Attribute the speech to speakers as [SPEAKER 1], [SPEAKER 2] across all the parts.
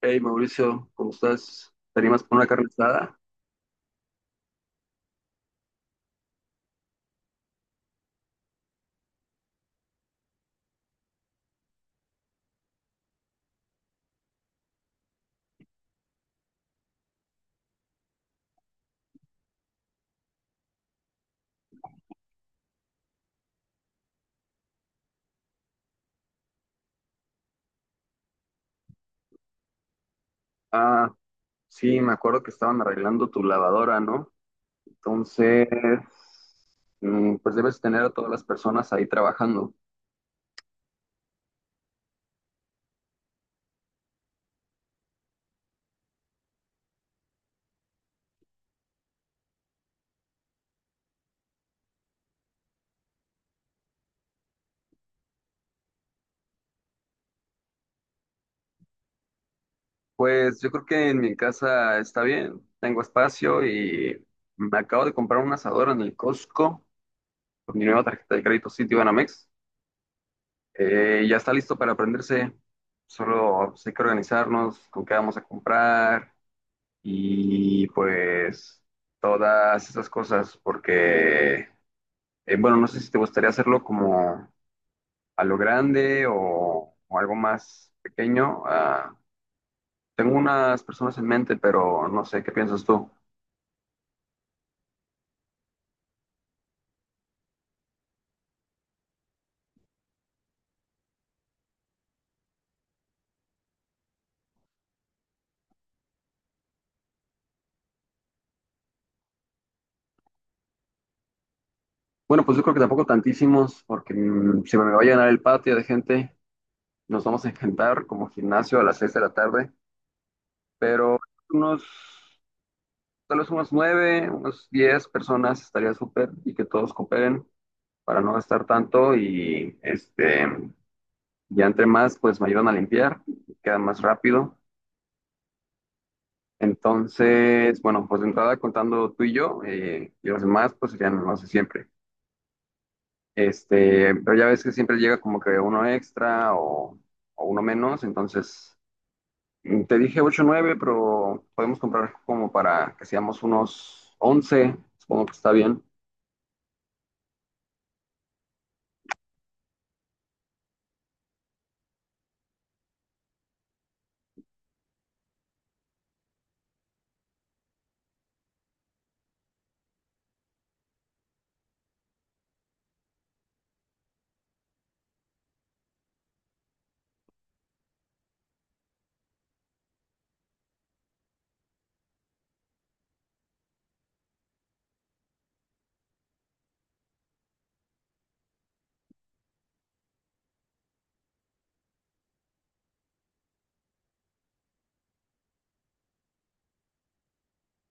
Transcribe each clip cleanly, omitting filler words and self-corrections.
[SPEAKER 1] Hey Mauricio, ¿cómo estás? ¿Te animas por una carne asada? Ah, sí, me acuerdo que estaban arreglando tu lavadora, ¿no? Entonces, pues debes tener a todas las personas ahí trabajando. Pues yo creo que en mi casa está bien, tengo espacio y me acabo de comprar un asador en el Costco con mi nueva tarjeta de crédito Citibanamex. Ya está listo para prenderse, solo pues, hay que organizarnos con qué vamos a comprar y pues todas esas cosas, porque, bueno, no sé si te gustaría hacerlo como a lo grande o algo más pequeño. Ah, tengo unas personas en mente, pero no sé, ¿qué piensas tú? Bueno, pues yo creo que tampoco tantísimos, porque se me va a llenar el patio de gente. Nos vamos a encantar como gimnasio a las 6 de la tarde, pero unos, tal vez unos 9, unos 10 personas estaría súper y que todos cooperen. Para no gastar tanto y este, ya entre más, pues me ayudan a limpiar, queda más rápido. Entonces, bueno, pues de entrada contando tú y yo, y los demás, pues serían los de siempre. Este, pero ya ves que siempre llega como que uno extra o uno menos, entonces te dije 8 o 9, pero podemos comprar como para que seamos unos 11, supongo que está bien.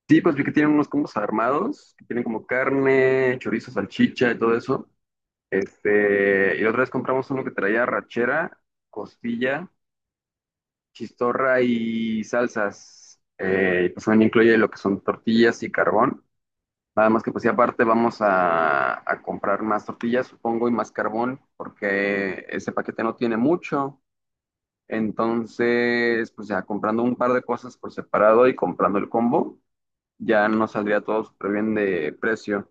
[SPEAKER 1] Sí, pues vi que tienen unos combos armados, que tienen como carne, chorizo, salchicha y todo eso. Este, y la otra vez compramos uno que traía rachera, costilla, chistorra y salsas. Y pues también incluye lo que son tortillas y carbón. Nada más que pues y aparte a comprar más tortillas, supongo, y más carbón, porque ese paquete no tiene mucho. Entonces, pues ya comprando un par de cosas por separado y comprando el combo, ya nos saldría todo súper bien de precio.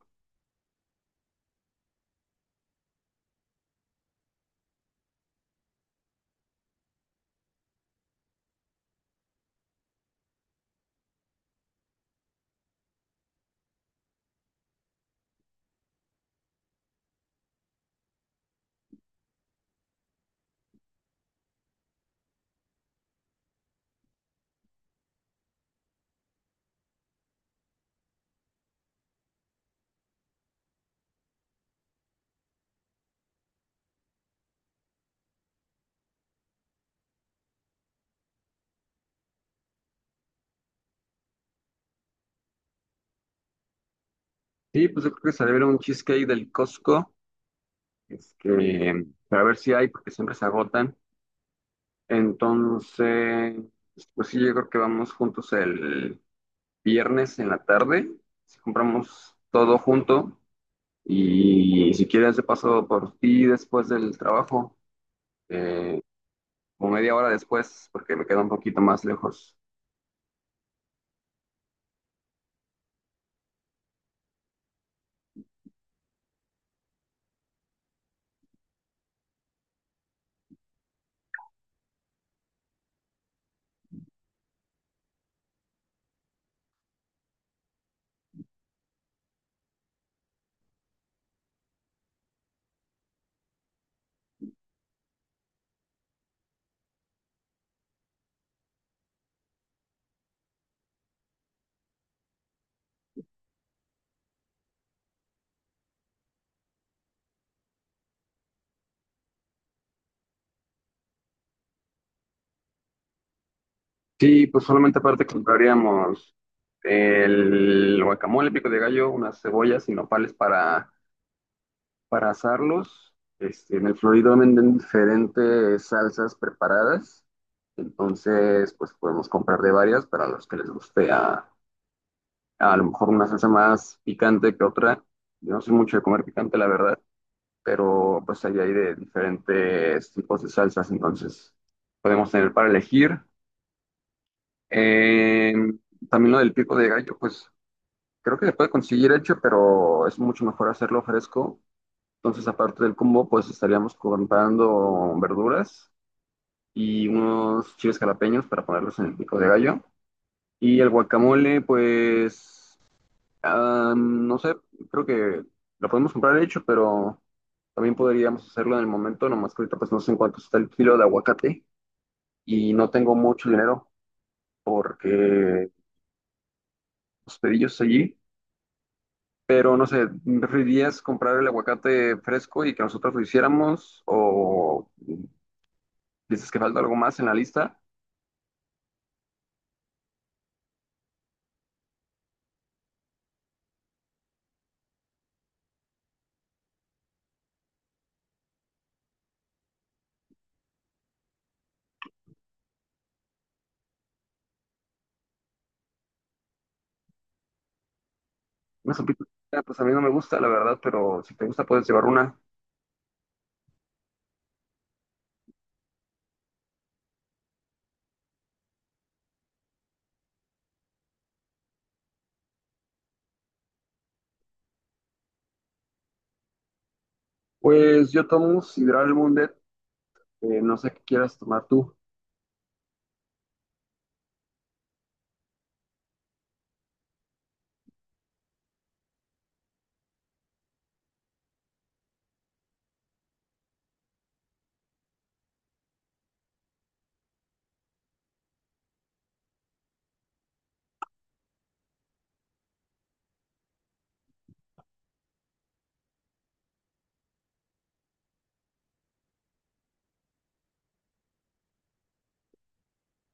[SPEAKER 1] Sí, pues yo creo que saldría un cheesecake del Costco. Este, para ver si hay, porque siempre se agotan. Entonces, pues sí, yo creo que vamos juntos el viernes en la tarde. Si compramos todo junto y si quieres de paso por ti después del trabajo, eh, como media hora después, porque me queda un poquito más lejos. Sí, pues solamente aparte compraríamos el guacamole, pico de gallo, unas cebollas y nopales para asarlos. Este, en el Florido venden diferentes salsas preparadas. Entonces, pues podemos comprar de varias para los que les guste a lo mejor una salsa más picante que otra. Yo no soy mucho de comer picante, la verdad, pero pues ahí hay de diferentes tipos de salsas, entonces podemos tener para elegir. Eh, También lo del pico de gallo, pues creo que se puede conseguir hecho, pero es mucho mejor hacerlo fresco. Entonces, aparte del combo, pues estaríamos comprando verduras y unos chiles jalapeños para ponerlos en el pico de gallo. Y el guacamole, pues, ah, no sé, creo que lo podemos comprar hecho, pero también podríamos hacerlo en el momento, nomás que ahorita pues no sé en cuánto está el kilo de aguacate y no tengo mucho dinero porque los pedillos allí, pero no sé, ¿preferirías comprar el aguacate fresco y que nosotros lo hiciéramos o dices que falta algo más en la lista? Una sopita, pues a mí no me gusta, la verdad, pero si te gusta puedes llevar una. Pues yo tomo sidral Mundet, no sé qué quieras tomar tú.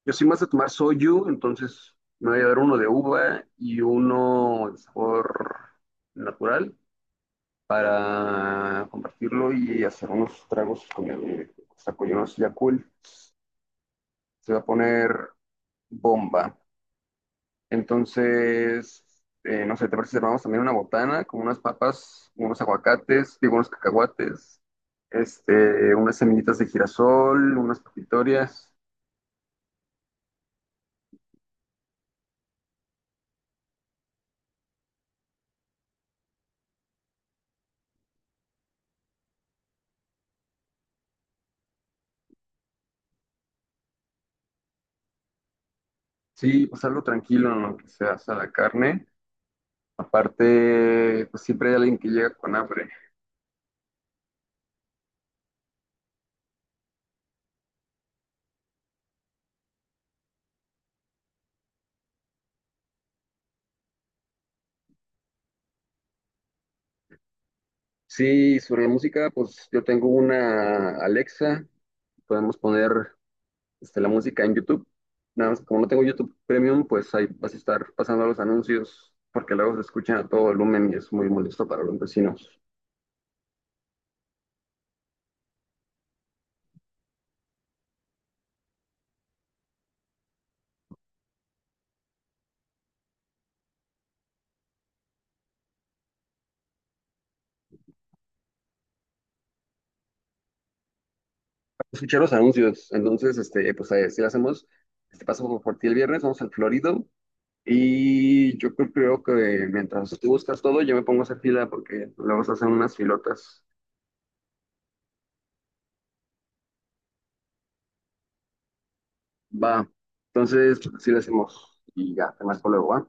[SPEAKER 1] Yo soy más de tomar soju, entonces me voy a dar uno de uva y uno de sabor natural para compartirlo y hacer unos tragos con el saco, ya cool. Se va a poner bomba. Entonces, no sé, ¿te parece si armamos también una botana con unas papas, unos aguacates, digo, unos cacahuates, este, unas semillitas de girasol, unas papitorias? Sí, pues algo tranquilo en lo que se hace la carne. Aparte, pues siempre hay alguien que llega con hambre. Sí, sobre la música, pues yo tengo una Alexa, podemos poner este, la música en YouTube. Nada más, como no tengo YouTube Premium, pues ahí vas a estar pasando los anuncios, porque luego se escuchan a todo volumen y es muy molesto para los vecinos. Escuchar los anuncios, entonces, este, pues ahí, si lo hacemos, este paso por ti el viernes, vamos al Florido. Y yo creo, creo que mientras tú buscas todo, yo me pongo a hacer fila porque luego se hacen unas filotas. Va. Entonces, pues, así lo hacemos. Y ya, te marco luego, ¿va?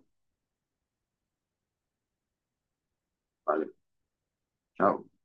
[SPEAKER 1] Vale, chao.